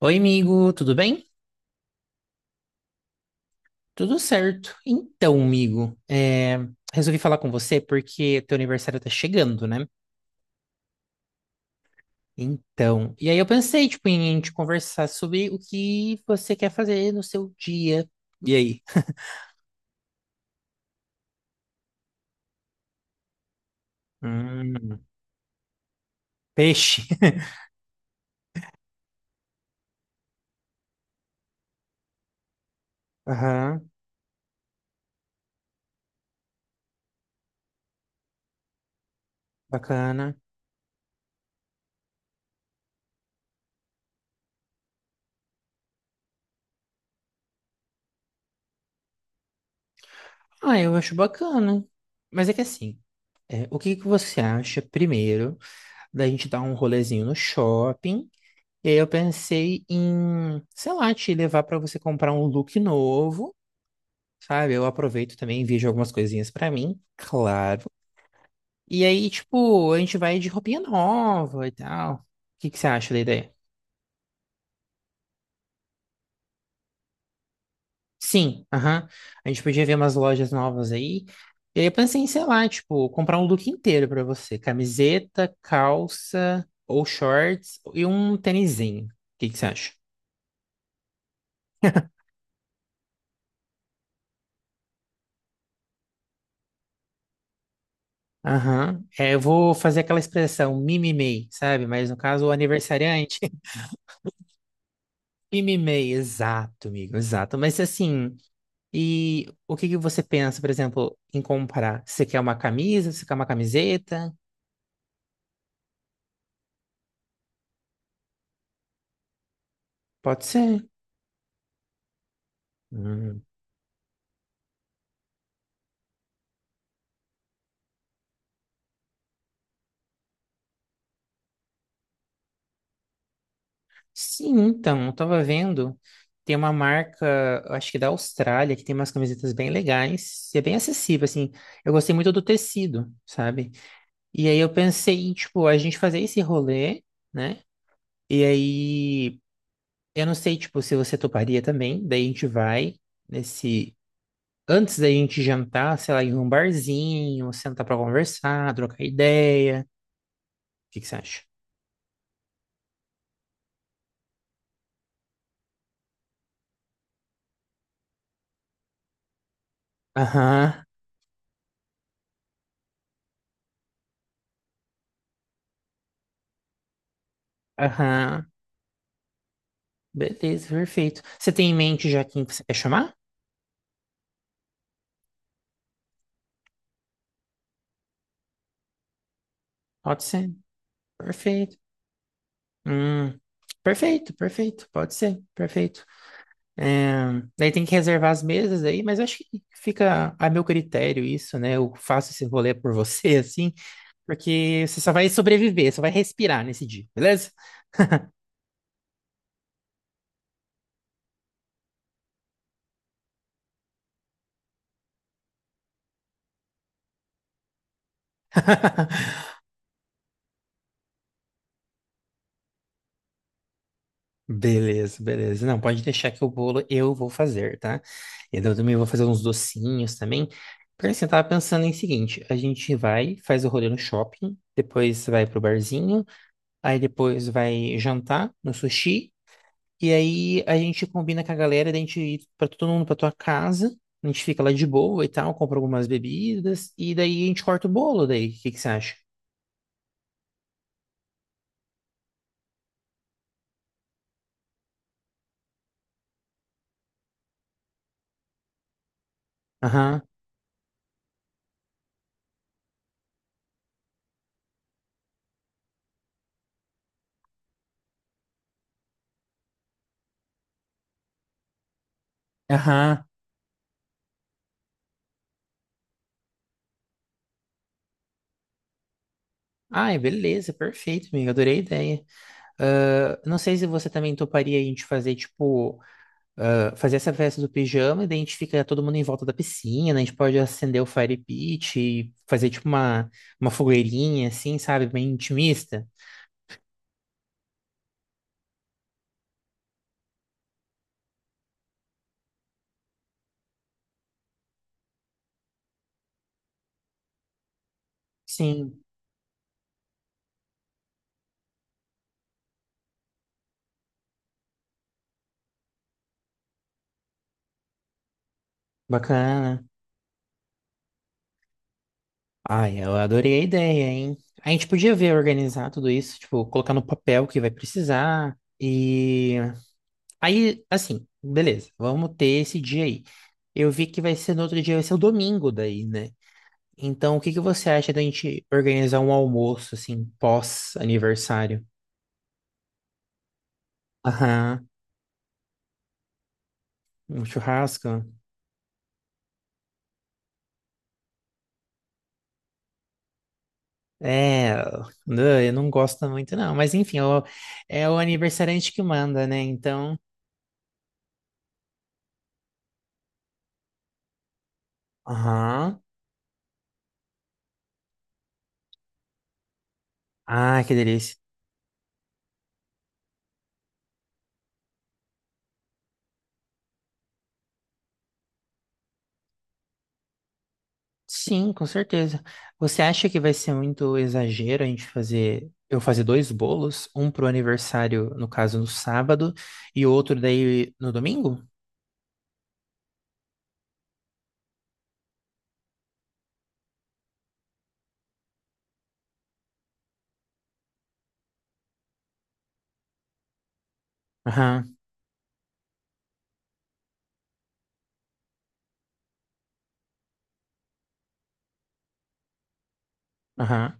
Oi, amigo, tudo bem? Tudo certo. Então, amigo, resolvi falar com você porque teu aniversário tá chegando, né? Então, e aí eu pensei, tipo, em te conversar sobre o que você quer fazer no seu dia. E aí? Hum, peixe. Aham, bacana. Ah, eu acho bacana. Mas é que assim, o que que você acha primeiro da gente dar um rolezinho no shopping? E aí eu pensei em, sei lá, te levar pra você comprar um look novo, sabe? Eu aproveito também, vejo algumas coisinhas pra mim, claro. E aí, tipo, a gente vai de roupinha nova e tal. O que que você acha da ideia? Sim, aham. A gente podia ver umas lojas novas aí. E aí eu pensei em, sei lá, tipo, comprar um look inteiro pra você. Camiseta, calça ou shorts e um tênisinho. O que que você acha? Aham. É, eu vou fazer aquela expressão mimimei, sabe? Mas no caso, o aniversariante. Mimimei, exato, amigo, exato. Mas assim, e o que que você pensa, por exemplo, em comprar? Você quer uma camisa? Você quer uma camiseta? Pode ser. Hum. Sim, então, eu tava vendo. Tem uma marca, eu acho que da Austrália, que tem umas camisetas bem legais. E é bem acessível, assim. Eu gostei muito do tecido, sabe? E aí eu pensei, em, tipo, a gente fazer esse rolê. Né? E aí, eu não sei, tipo, se você toparia também. Daí a gente vai nesse. Antes da gente jantar, sei lá, em um barzinho, sentar pra conversar, trocar ideia. O que que você acha? Aham, aham. Beleza, perfeito. Você tem em mente já quem você quer chamar? Pode ser. Perfeito. Hum, perfeito, perfeito. Pode ser, perfeito. É, daí tem que reservar as mesas aí, mas eu acho que fica a meu critério isso, né? Eu faço esse rolê por você, assim, porque você só vai sobreviver, só vai respirar nesse dia, beleza? Beleza, beleza. Não, pode deixar que o bolo eu vou fazer, tá? E daí eu também vou fazer uns docinhos também. Porque assim, eu tava pensando em seguinte, a gente vai, faz o rolê no shopping, depois vai pro barzinho, aí depois vai jantar no sushi. E aí a gente combina com a galera, da gente ir pra todo mundo pra tua casa. A gente fica lá de boa e tal, compra algumas bebidas. E daí a gente corta o bolo daí. O que que você acha? Aham. Aham. Ai, beleza, perfeito, amigo. Adorei a ideia. Ah, não sei se você também toparia a gente fazer, tipo, ah, fazer essa festa do pijama e daí a gente fica todo mundo em volta da piscina, a gente pode acender o fire pit e fazer, tipo, uma fogueirinha, assim, sabe? Bem intimista. Sim, bacana. Ai, eu adorei a ideia, hein? A gente podia ver organizar tudo isso, tipo, colocar no papel o que vai precisar. E aí, assim, beleza, vamos ter esse dia aí. Eu vi que vai ser no outro dia, vai ser o domingo daí, né? Então, o que que você acha da gente organizar um almoço, assim, pós-aniversário? Aham, um churrasco? É, não, eu não gosto muito, não. Mas enfim, é o é o aniversariante que manda, né? Então. Aham. Ah, que delícia. Sim, com certeza. Você acha que vai ser muito exagero a gente fazer, eu fazer dois bolos, um pro aniversário, no caso, no sábado, e outro daí no domingo? Aham, aham.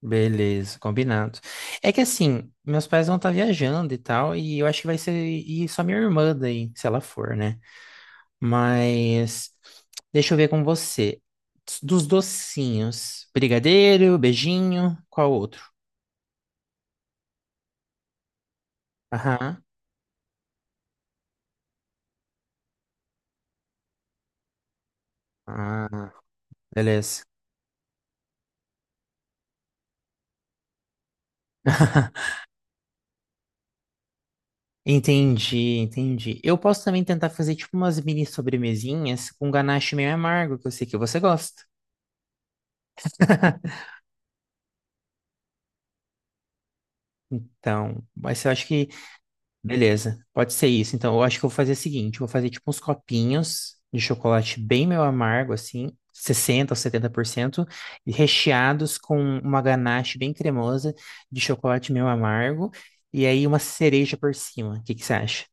Beleza, combinado. É que assim, meus pais vão estar viajando e tal, e eu acho que vai ser e só minha irmã daí, se ela for, né? Mas deixa eu ver com você. Dos docinhos, brigadeiro, beijinho, qual outro? Aham. Ah, beleza. Entendi, entendi. Eu posso também tentar fazer tipo umas mini sobremesinhas com ganache meio amargo, que eu sei que você gosta. Então, mas eu acho que, beleza, pode ser isso. Então, eu acho que eu vou fazer o seguinte, eu vou fazer tipo uns copinhos de chocolate bem meio amargo, assim, 60 ou 70%, e recheados com uma ganache bem cremosa de chocolate meio amargo, e aí uma cereja por cima. O que que você acha?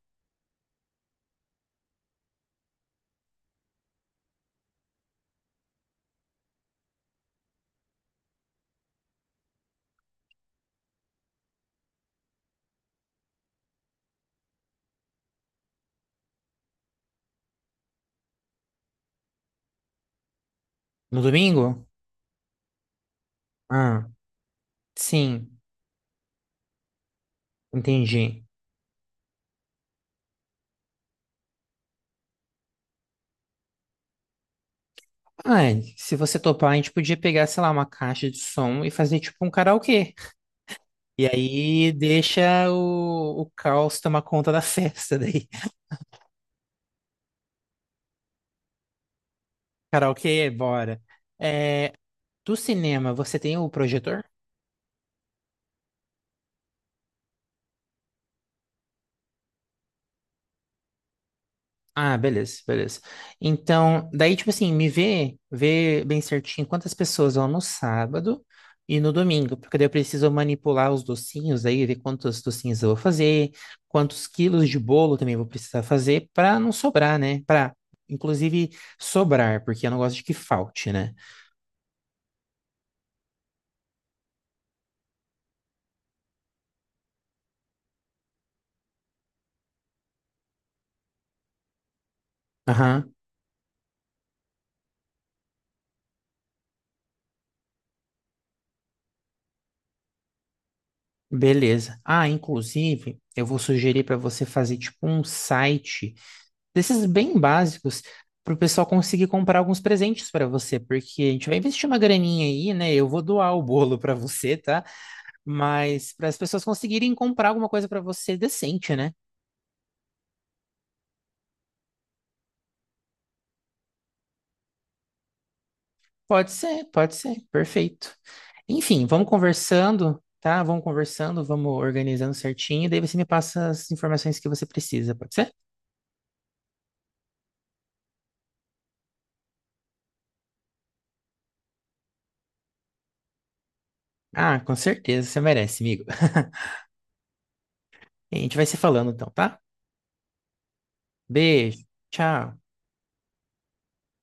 No domingo? Ah, sim, entendi. Ai, se você topar, a gente podia pegar, sei lá, uma caixa de som e fazer tipo um karaokê. E aí deixa o caos tomar conta da festa daí. Karaokê, bora. É, do cinema, você tem o projetor? Ah, beleza, beleza. Então, daí, tipo assim, me vê, vê bem certinho quantas pessoas vão no sábado e no domingo, porque daí eu preciso manipular os docinhos aí, ver quantos docinhos eu vou fazer, quantos quilos de bolo também eu vou precisar fazer para não sobrar, né? Para, inclusive, sobrar, porque eu não gosto de que falte, né? Aham, beleza. Ah, inclusive, eu vou sugerir para você fazer tipo um site desses bem básicos para o pessoal conseguir comprar alguns presentes para você, porque a gente vai investir uma graninha aí, né? Eu vou doar o bolo para você, tá? Mas para as pessoas conseguirem comprar alguma coisa para você decente, né? Pode ser, perfeito. Enfim, vamos conversando, tá? Vamos conversando, vamos organizando certinho, daí você me passa as informações que você precisa, pode ser? Ah, com certeza, você merece, amigo. A gente vai se falando então, tá? Beijo, tchau.